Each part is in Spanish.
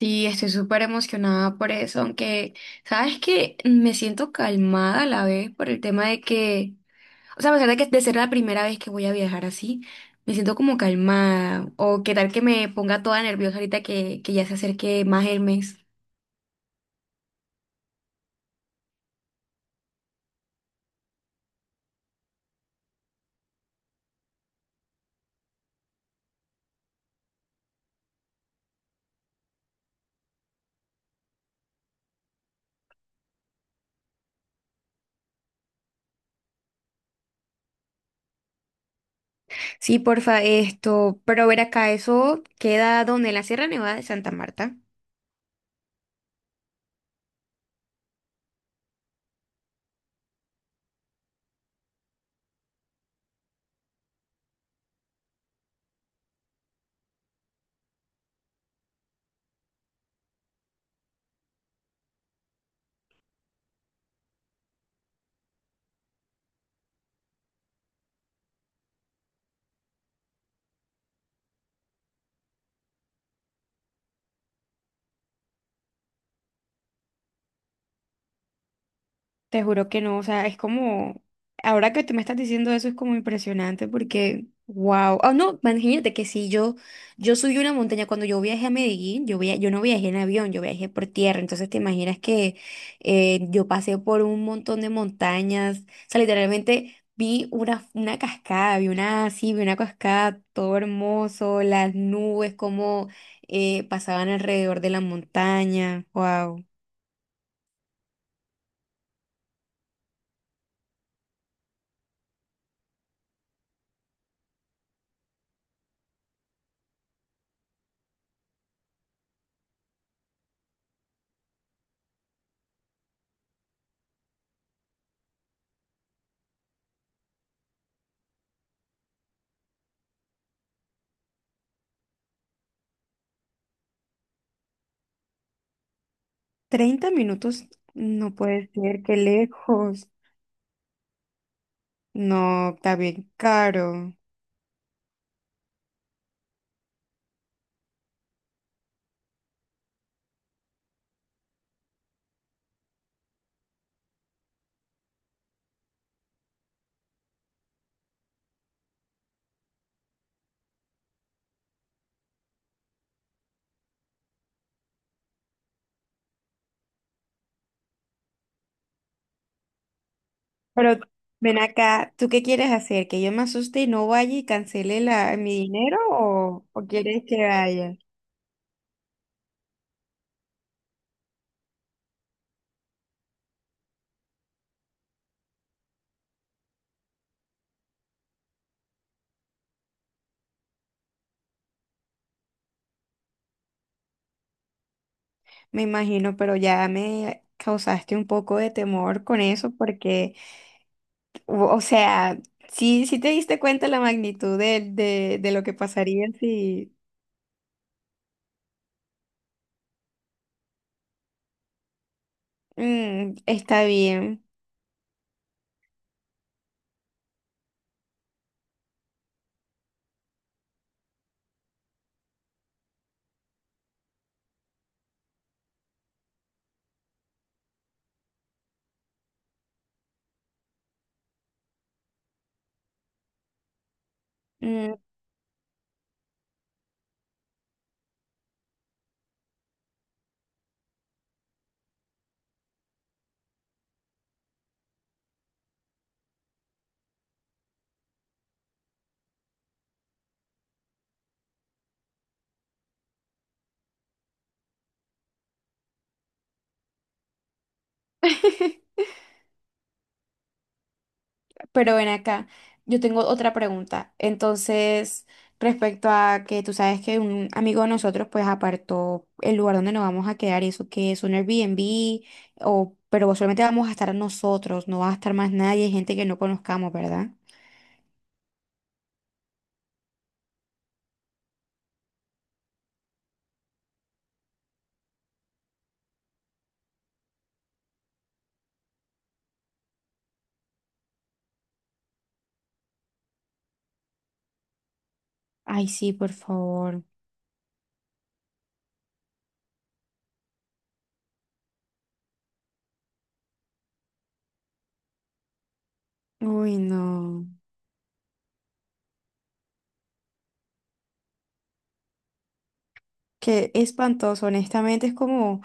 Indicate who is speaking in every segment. Speaker 1: Sí, estoy súper emocionada por eso, aunque, ¿sabes que me siento calmada a la vez por el tema de que, o sea, a pesar de que de ser la primera vez que voy a viajar así, me siento como calmada, o qué tal que me ponga toda nerviosa ahorita que ya se acerque más el mes? Sí, porfa, esto, pero ver acá, eso queda donde en la Sierra Nevada de Santa Marta. Te juro que no, o sea, es como, ahora que tú me estás diciendo eso es como impresionante porque, wow, oh no, imagínate que si yo, subí una montaña cuando yo viajé a Medellín, yo no viajé en avión, yo viajé por tierra, entonces te imaginas que yo pasé por un montón de montañas, o sea, literalmente vi una cascada, vi una, sí, vi una cascada, todo hermoso, las nubes como pasaban alrededor de la montaña, wow. 30 minutos, no puede ser, qué lejos. No, está bien caro. Pero ven acá, ¿tú qué quieres hacer? ¿Que yo me asuste y no vaya y cancele mi dinero o quieres que vaya? Me imagino, pero ya me causaste un poco de temor con eso porque, o sea, sí, sí te diste cuenta la magnitud de lo que pasaría si. Está bien. Mm. Pero ven acá, yo tengo otra pregunta. Entonces, respecto a que tú sabes que un amigo de nosotros pues apartó el lugar donde nos vamos a quedar y eso que es un Airbnb o pero solamente vamos a estar nosotros, no va a estar más nadie, gente que no conozcamos, ¿verdad? Ay, sí, por favor. Uy, no. Qué espantoso, honestamente, es como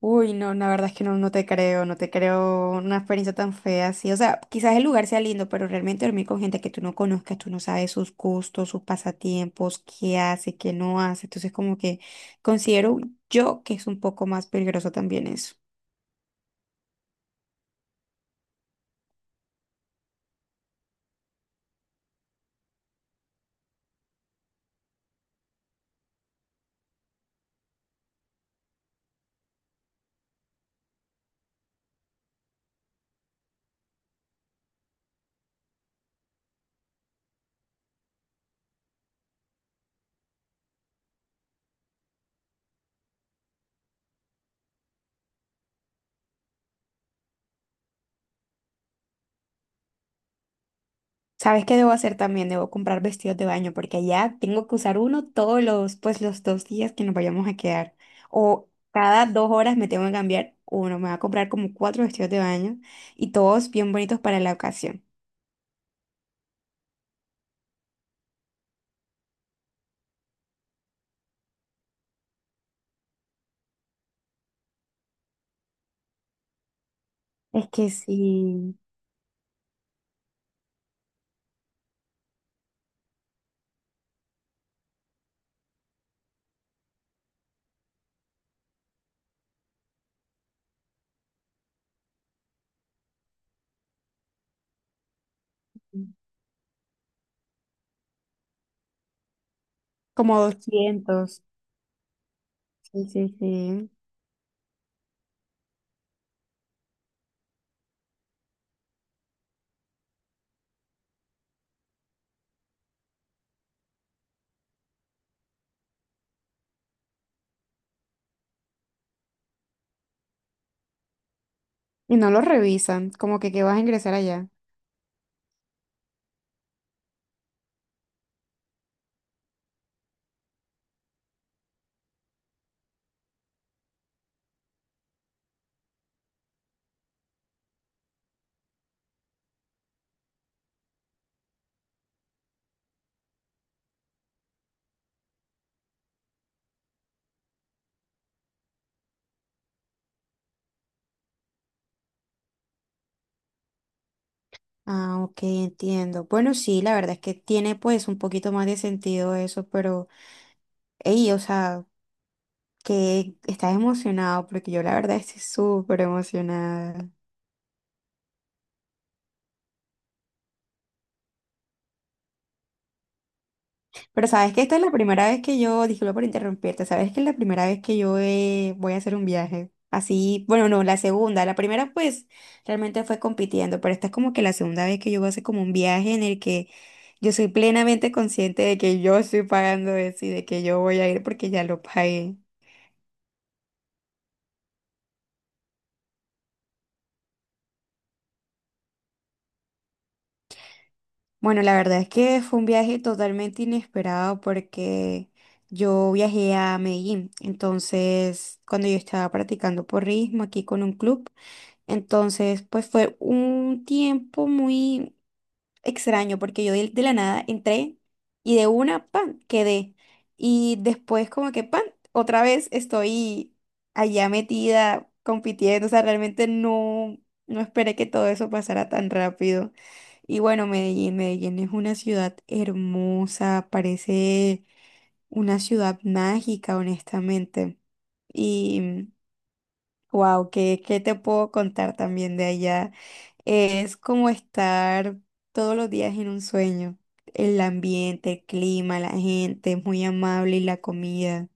Speaker 1: uy, no, la verdad es que no, no te creo, no te creo una experiencia tan fea así. O sea, quizás el lugar sea lindo, pero realmente dormir con gente que tú no conozcas, tú no sabes sus gustos, sus pasatiempos, qué hace, qué no hace. Entonces, como que considero yo que es un poco más peligroso también eso. ¿Sabes qué debo hacer también? Debo comprar vestidos de baño porque allá tengo que usar uno todos los, pues los 2 días que nos vayamos a quedar. O cada 2 horas me tengo que cambiar uno. Me va a comprar como cuatro vestidos de baño y todos bien bonitos para la ocasión. Es que sí, como 200. Sí, sí, sí. Y no lo revisan, como que vas a ingresar allá. Ah, ok, entiendo. Bueno, sí, la verdad es que tiene pues un poquito más de sentido eso, pero, ey, o sea, que estás emocionado, porque yo la verdad estoy súper emocionada. Pero sabes que esta es la primera vez que yo, disculpa por interrumpirte, sabes que es la primera vez que yo voy a hacer un viaje. Así, bueno, no, la segunda, la primera pues realmente fue compitiendo, pero esta es como que la segunda vez que yo voy a hacer como un viaje en el que yo soy plenamente consciente de que yo estoy pagando eso y de que yo voy a ir porque ya lo pagué. Bueno, la verdad es que fue un viaje totalmente inesperado porque yo viajé a Medellín, entonces cuando yo estaba practicando porrismo aquí con un club. Entonces, pues fue un tiempo muy extraño porque yo de la nada entré y de una, pan, quedé. Y después como que, pan, otra vez estoy allá metida compitiendo. O sea, realmente no esperé que todo eso pasara tan rápido. Y bueno, Medellín, Medellín es una ciudad hermosa, parece una ciudad mágica, honestamente. Y wow, ¿qué te puedo contar también de allá? Es como estar todos los días en un sueño. El ambiente, el clima, la gente, es muy amable y la comida.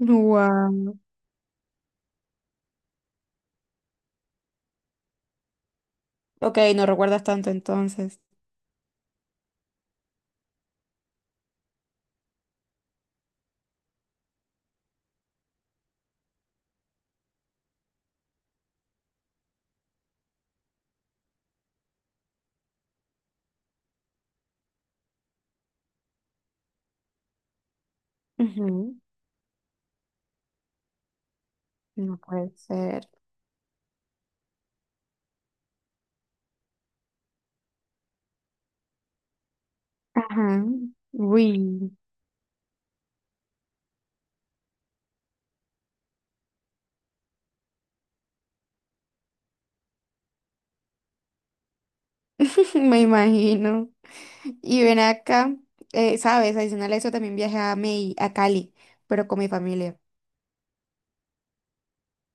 Speaker 1: Wow. Ok, no recuerdas tanto entonces. Ujú. No puede ser. Ajá. Uy. Me imagino. Y ven acá, sabes, adicional a eso también viajé a Cali, pero con mi familia.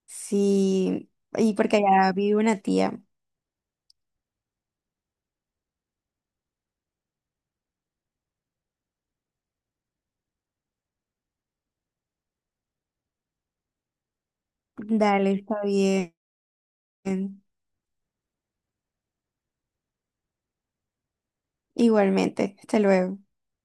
Speaker 1: Sí, y porque allá vive una tía. Dale, está bien. Igualmente. Hasta luego.